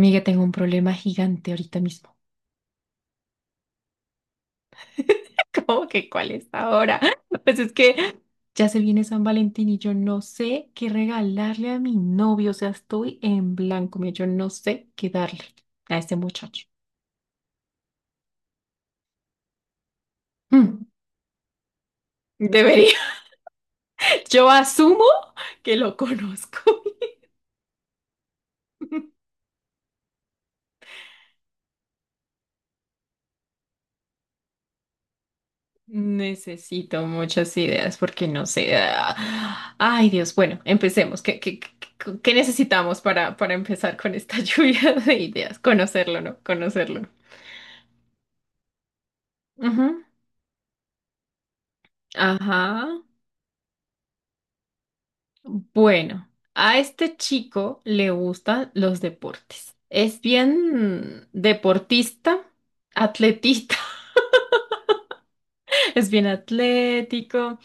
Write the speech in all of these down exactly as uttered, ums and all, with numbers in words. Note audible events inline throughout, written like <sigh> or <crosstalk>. Miga, tengo un problema gigante ahorita mismo. <laughs> ¿Cómo que cuál es ahora? <laughs> Pues es que ya se viene San Valentín y yo no sé qué regalarle a mi novio. O sea, estoy en blanco. Mira, yo no sé qué darle a este muchacho. Mm. Debería. <laughs> Yo asumo que lo conozco. <laughs> Necesito muchas ideas porque no sé. ah, Ay, Dios. Bueno, empecemos. ¿Qué, qué, qué- qué necesitamos para, para empezar con esta <laughs> lluvia de ideas? Conocerlo, ¿no? Conocerlo. Ujú. Ajá. Bueno, a este chico le gustan los deportes. Es bien deportista, atletista, <laughs> es bien atlético.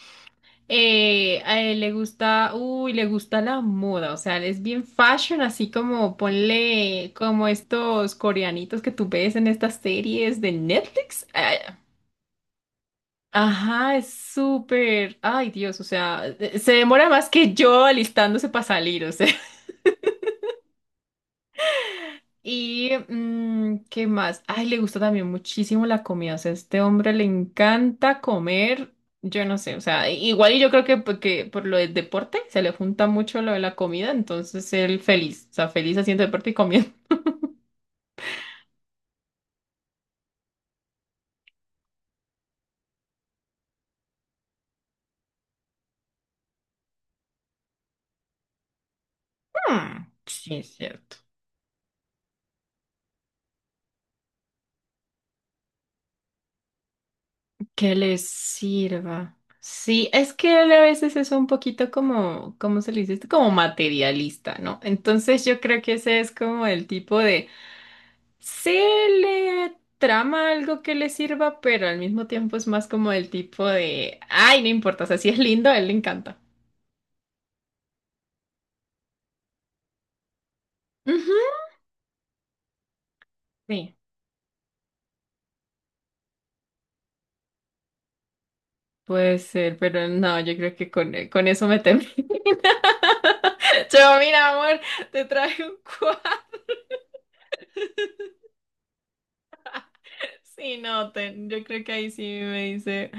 eh, A él le gusta, uy, le gusta la moda, o sea, él es bien fashion, así como ponle como estos coreanitos que tú ves en estas series de Netflix. Ah. Ajá, es súper. Ay, Dios, o sea, se demora más que yo alistándose para salir, o sea. Y mm, ¿qué más? Ay, le gusta también muchísimo la comida. O sea, a este hombre le encanta comer. Yo no sé, o sea, igual y yo creo que porque por lo del deporte se le junta mucho lo de la comida, entonces él feliz, o sea, feliz haciendo deporte y comiendo. <laughs> Mm, sí, es cierto. Que le sirva. Sí, es que él a veces es un poquito como, ¿cómo se le dice esto? Como materialista, ¿no? Entonces yo creo que ese es como el tipo de. Se le trama algo que le sirva, pero al mismo tiempo es más como el tipo de, ay, no importa, o sea, si es lindo, a él le encanta. Ujú. Sí, puede ser, pero no, yo creo que con, con eso me temo. <laughs> Yo, mira, amor, te traje un <laughs> cuadro. Sí, no, te- yo creo que ahí sí me dice,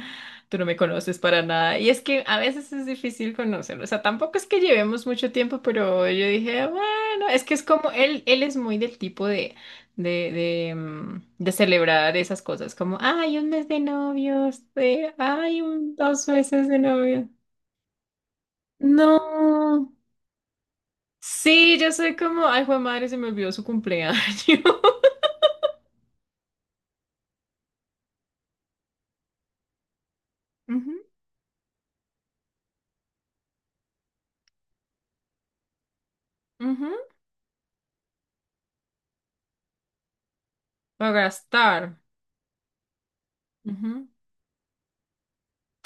tú no me conoces para nada. Y es que a veces es difícil conocerlo. O sea, tampoco es que llevemos mucho tiempo, pero yo dije, bueno, es que es como, él, él es muy del tipo de, de, de, mm, de celebrar esas cosas, como, ay, un mes de novios, de, ay, un, dos meses de novios. No. Sí, yo soy como, ay, jue madre, se me olvidó su cumpleaños. <laughs> Ujú, ujú. Para gastar. Ujú.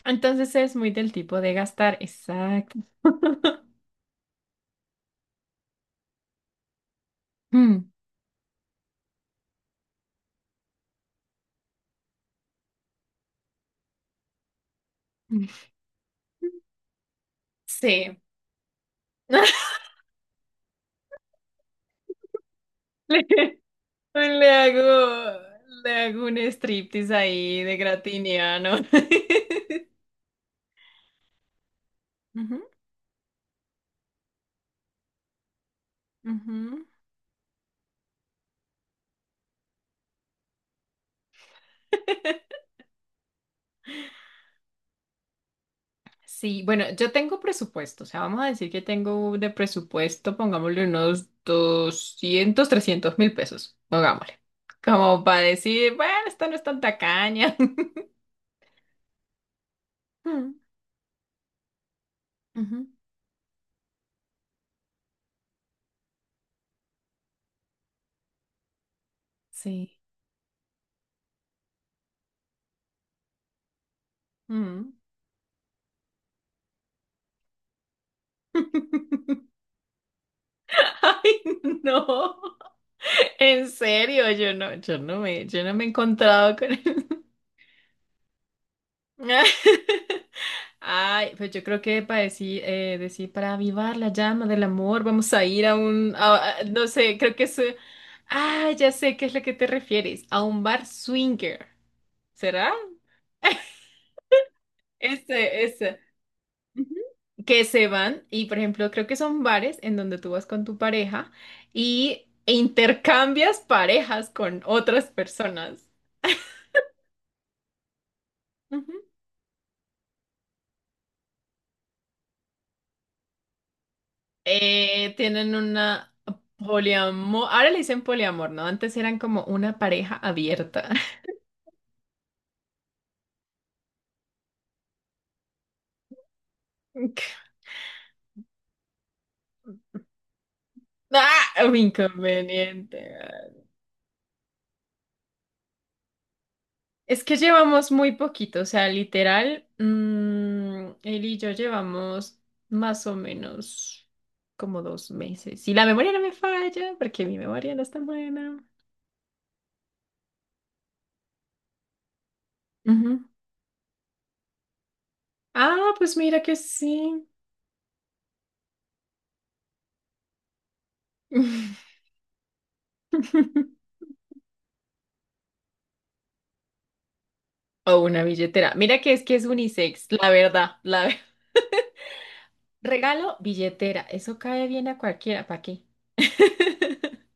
Entonces es muy del tipo de gastar. Exacto. Mm. Sí. <laughs> Le, le hago, le hago un striptease ahí de gratiniano. <laughs> Ujú, ujú. Sí, bueno, yo tengo presupuesto, o sea, vamos a decir que tengo de presupuesto, pongámosle unos doscientos, trescientos mil pesos, pongámosle, como para decir, bueno, esta no es tan tacaña. <laughs> Mm, ujú. Sí. Mm. <laughs> Ay, no. En serio, yo no, yo no me, yo no me he encontrado con él. <laughs> Ay, pues yo creo que para decir, eh, decir, para avivar la llama del amor, vamos a ir a un, a- a- no sé, creo que es, eh, ah, ya sé qué es lo que te refieres, a un bar swinger, ¿será? Ese, ese. Ujú. Que se van y, por ejemplo, creo que son bares en donde tú vas con tu pareja y e intercambias parejas con otras personas. Ujú. Eh, tienen una poliamor. Ahora le dicen poliamor, ¿no? Antes eran como una pareja abierta. <laughs> ¡Ah! Un inconveniente. Es que llevamos muy poquito, o sea, literal, mm, él y yo llevamos más o menos como dos meses. Y la memoria no me falla, porque mi memoria no es tan buena. Ujú. Ah, pues mira que sí. <laughs> O una billetera. Mira que es que es unisex, la verdad, la verdad. <laughs> Regalo, billetera. Eso cae bien a cualquiera, ¿para qué? <laughs>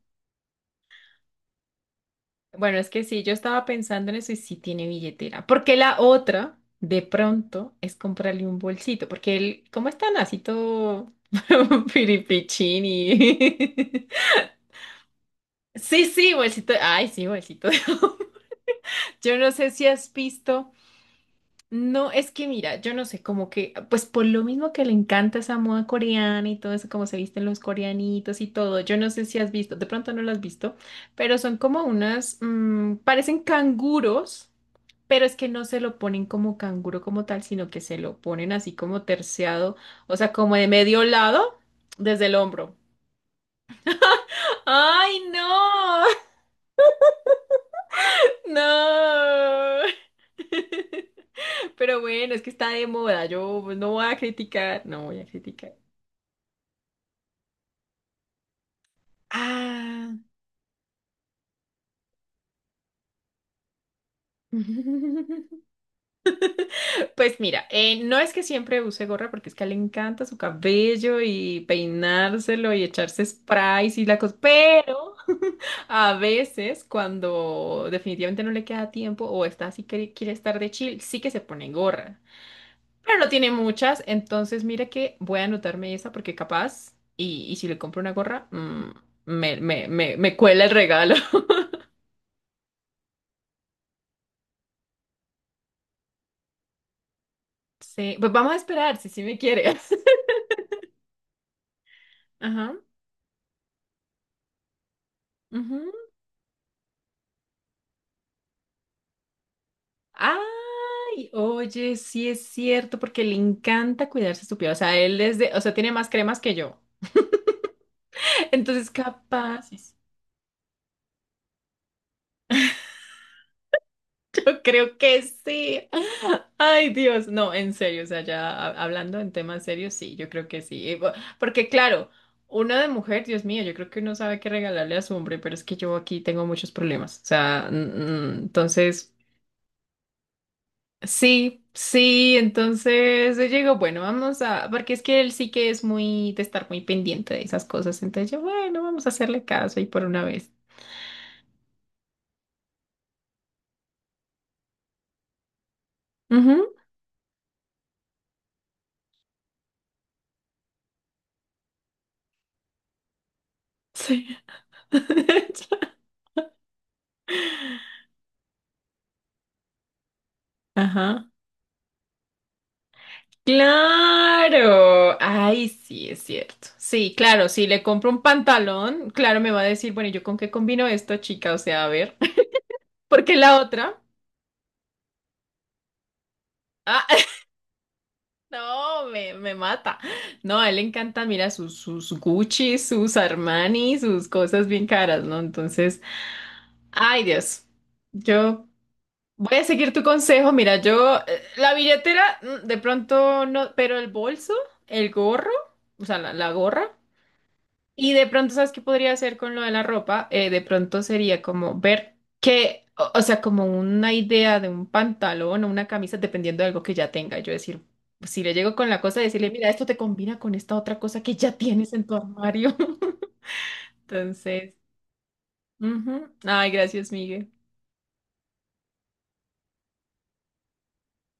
Bueno, es que sí, yo estaba pensando en eso y sí tiene billetera. Porque la otra, de pronto, es comprarle un bolsito. Porque él, ¿cómo está así todo <laughs> piripichín y... <laughs> Sí, sí, bolsito. Ay, sí, bolsito. <laughs> Yo no sé si has visto. No, es que mira, yo no sé, como que, pues por lo mismo que le encanta esa moda coreana y todo eso, como se visten los coreanitos y todo, yo no sé si has visto, de pronto no lo has visto, pero son como unas, mm, parecen canguros, pero es que no se lo ponen como canguro como tal, sino que se lo ponen así como terciado, o sea, como de medio lado, desde el hombro. <laughs> ¡Ay, no! <laughs> ¡No! Pero bueno, es que está de moda, yo pues, no voy a criticar, no voy a criticar. Ah. <laughs> Pues mira, eh, no es que siempre use gorra porque es que a él le encanta su cabello y peinárselo y echarse sprays y la cosa, pero <laughs> a veces cuando definitivamente no le queda tiempo o está así que quiere estar de chill, sí que se pone gorra, pero no tiene muchas, entonces mira que voy a anotarme esa porque capaz y, y si le compro una gorra, mm, me, me, me, me cuela el regalo. <laughs> Sí, pues vamos a esperar si sí me quiere. <laughs> Ajá. Ujú. Ay, oye, sí es cierto, porque le encanta cuidarse su piel. O sea, él es de, o sea, tiene más cremas que yo. Entonces, capaz, <laughs> yo creo que sí. Ay, Dios, no, en serio, o sea, ya ha- hablando en temas serios, sí, yo creo que sí. Eh, bo- Porque claro, uno de mujer, Dios mío, yo creo que uno sabe qué regalarle a su hombre, pero es que yo aquí tengo muchos problemas. O sea, mm, mm, entonces. Sí, sí, entonces yo digo, bueno, vamos a, porque es que él sí que es muy de estar muy pendiente de esas cosas, entonces yo, bueno, vamos a hacerle caso y por una vez. Ujú, sí. <laughs> Ajá. Claro. Ay, sí, es cierto. Sí, claro, si le compro un pantalón, claro, me va a decir, bueno, ¿y ¿yo con qué combino esto, chica? O sea, a ver, <laughs> porque la otra, ah, no, me, me mata. No, a él le encanta. Mira, sus, sus Gucci, sus Armani, sus cosas bien caras, ¿no? Entonces, ay, Dios, yo voy a seguir tu consejo. Mira, yo, eh, la billetera, mm, de pronto no, pero el bolso, el gorro, o sea, la, la gorra. Y de pronto, ¿sabes qué podría hacer con lo de la ropa? Eh, de pronto sería como ver qué, o, o sea, como una idea de un pantalón o una camisa, dependiendo de algo que ya tenga. Yo decir, si le llego con la cosa, decirle, mira, esto te combina con esta otra cosa que ya tienes en tu armario. <laughs> Entonces, ujú. Ay, gracias, Miguel.